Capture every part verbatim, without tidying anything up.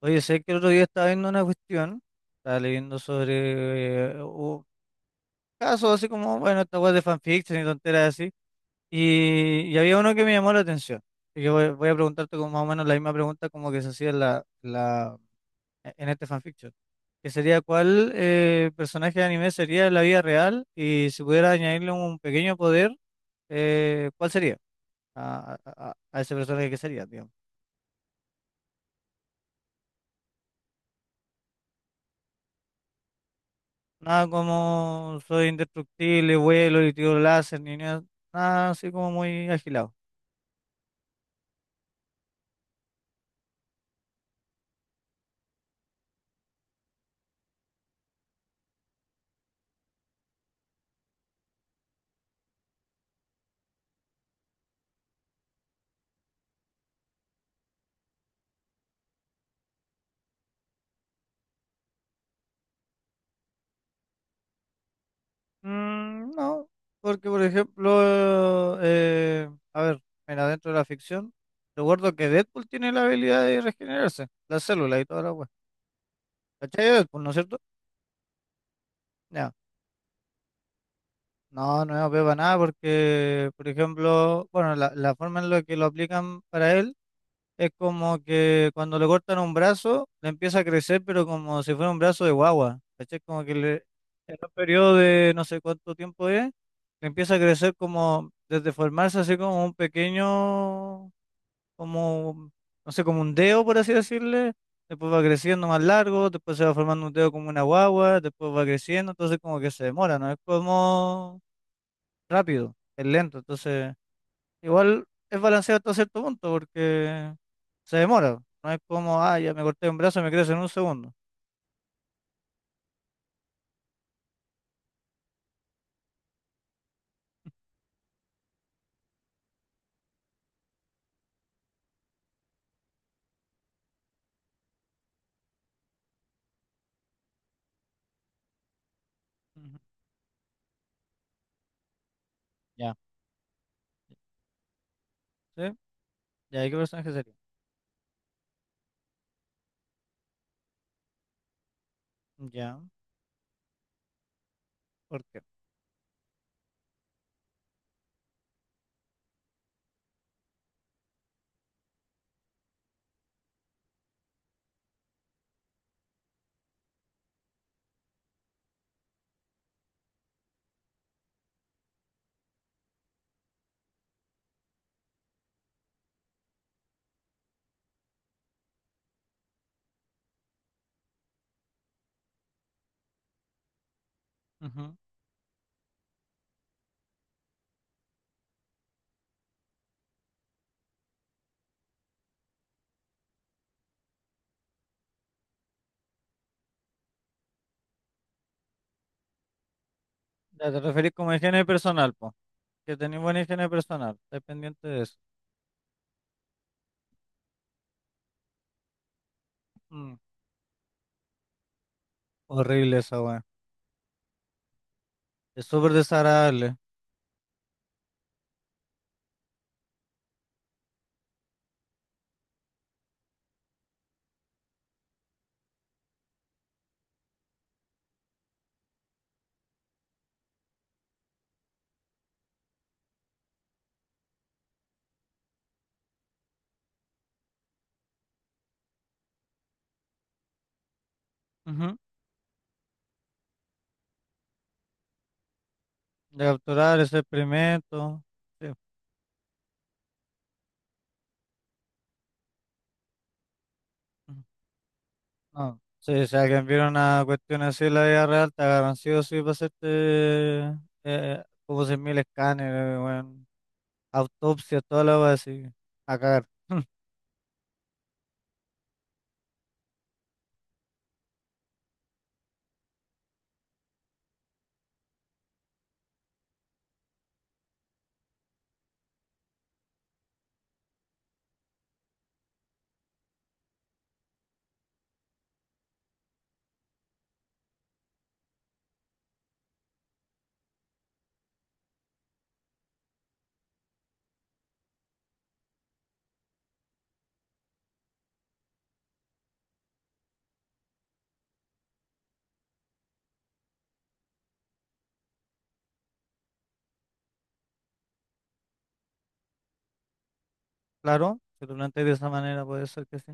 Oye, sé que el otro día estaba viendo una cuestión, estaba leyendo sobre eh, u- casos así como, bueno, esta web de fanfiction y tonteras así, y, y había uno que me llamó la atención. Así que voy, voy a preguntarte como más o menos la misma pregunta como que se hacía en, la, la- e, en este fanfiction, que sería cuál eh, personaje de anime sería en la vida real y si pudiera añadirle un pequeño poder, eh, ¿cuál sería a, a- a- a ese personaje que sería, digamos? Nada como soy indestructible, vuelo y tiro láser, ni nada, nada así como muy agilado. Mm, no, porque por ejemplo, eh, a ver, mira, dentro de la ficción, recuerdo que Deadpool tiene la habilidad de regenerarse, las células y toda la wea. ¿Cachai? De Deadpool, ¿no es cierto? Ya. No, no es op para nada porque, por ejemplo, bueno, la, la forma en la que lo aplican para él es como que cuando le cortan un brazo, le empieza a crecer, pero como si fuera un brazo de guagua. ¿Cachai? Como que le, en un periodo de no sé cuánto tiempo es, le empieza a crecer como, desde formarse así como un pequeño, como, no sé, como un dedo, por así decirle. Después va creciendo más largo, después se va formando un dedo como una guagua, después va creciendo, entonces como que se demora, ¿no? Es como rápido, es lento. Entonces, igual es balanceado hasta cierto punto, porque se demora. No es como, ah, ya me corté un brazo, y me crece en un segundo. Ujú. Ya. ¿Sí? Ya, ¿y ahí qué personaje sería? Ya, ¿por qué? Ujú. Ya te referís como a higiene personal, po. Que tenés buena higiene personal. Estás pendiente de eso. Mm. Horrible esa weá. Es súper desagradable. Ujú. De capturar ese experimento. Sí, ujú. No. Sí, si alguien viera una cuestión así en la vida real, te agarran sí o sí para hacerte eh, como cien mil escáneres, weón, autopsia, toda la va así, a cagar. Claro, si lo planteas de esa manera, puede ser que sí.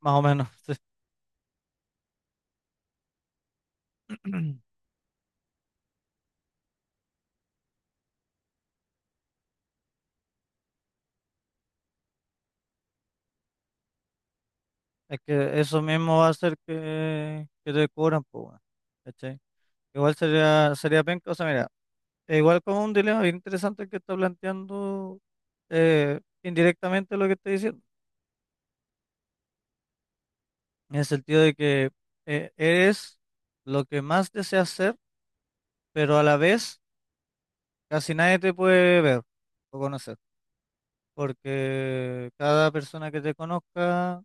Más o menos, sí. Es que eso mismo va a hacer que, que te cobran, pues, weón, ¿cachai? Igual sería, sería penca, o sea, mira, es igual como un dilema bien interesante que está planteando eh, indirectamente lo que estoy diciendo, en el sentido de que eh, eres lo que más deseas ser, pero a la vez casi nadie te puede ver o conocer. Porque cada persona que te conozca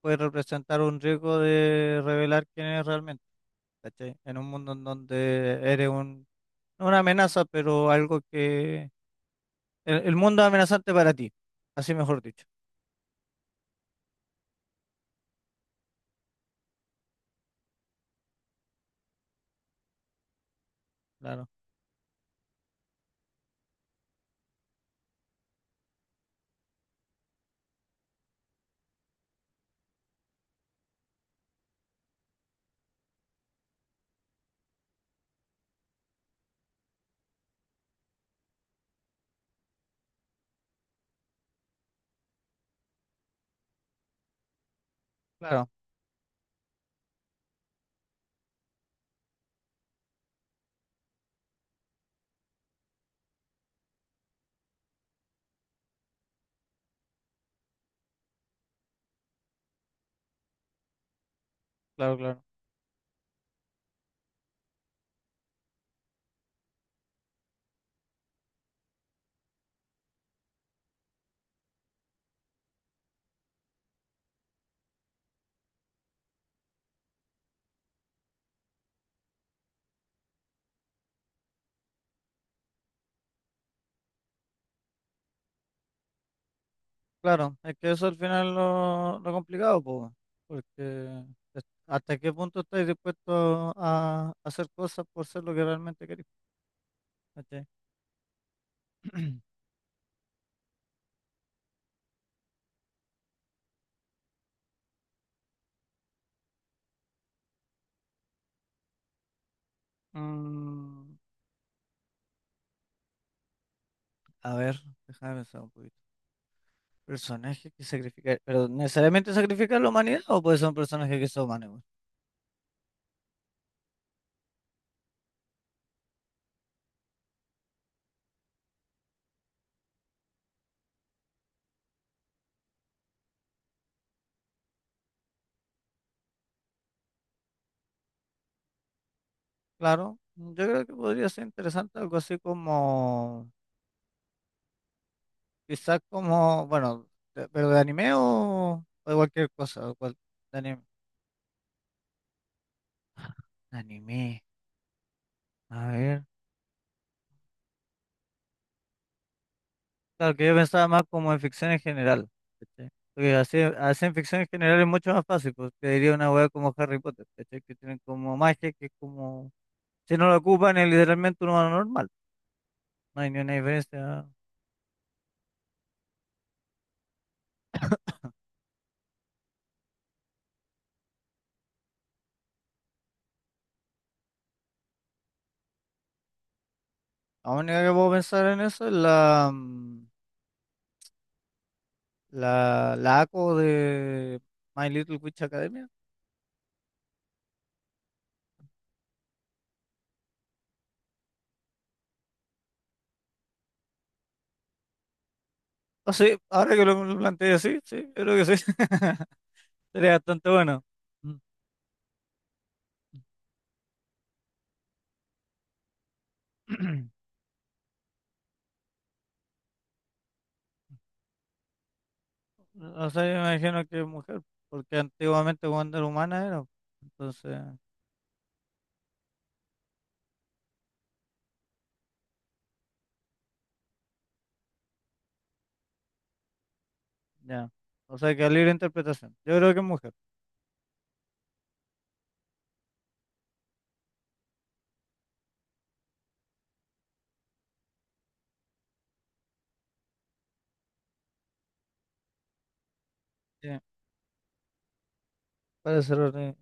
puede representar un riesgo de revelar quién eres realmente, ¿cachai? En un mundo en donde eres un, no una amenaza, pero algo que... El, el mundo es amenazante para ti, así mejor dicho. Claro. Claro. Claro, claro, claro. Claro, es que eso al final lo, lo complicado, po, porque es- hasta qué punto estás dispuesto a hacer cosas por ser lo que realmente querés, ¿cachai? Mm, a ver, déjame pensar un poquito. Personaje que sacrifica, pero ¿necesariamente sacrifica la humanidad o puede ser un personaje que sea humano? Claro, yo creo que podría ser interesante algo así como, quizás como, bueno, de- pero de anime o, o de cualquier cosa, o cual- de anime. De anime, a ver. Claro, que yo pensaba más como en ficción en general. ¿Cachai? Porque así, así en ficción en general es mucho más fácil, porque diría una hueá como Harry Potter, ¿cachai? Que tienen como magia, que es como... Si no la ocupan es literalmente un humano normal. No hay ni una diferencia. La única que puedo pensar en eso es la, mm, la, la ACO de My Little Witch Academia. Ah, sí, ahora que lo, lo planteé así, sí, yo creo que sí. Sería bastante bueno. Mm. O sea, yo me imagino que es mujer, porque antiguamente cuando era humana era. Entonces, ya. O sea, que a libre interpretación. Yo creo que es mujer. Sí, parece raro,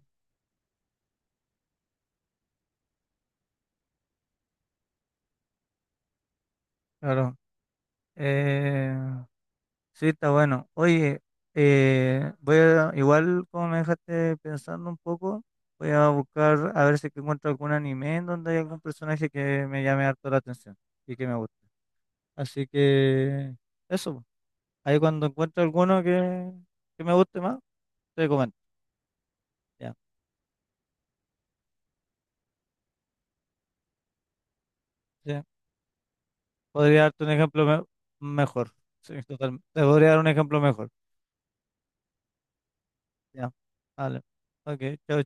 claro. Eh, Sí, está bueno. Oye, eh, voy a, igual como me dejaste pensando un poco, voy a buscar a ver si que encuentro algún anime en donde hay algún personaje que me llame harto la atención y que me guste. Así que eso, po. Ahí cuando encuentro alguno que, que me guste más, te comento. Ya, sí. Podría darte un ejemplo me- mejor. Sí, totalmente. Te podría dar un ejemplo mejor. Ya, vale. Ok, chao, chao.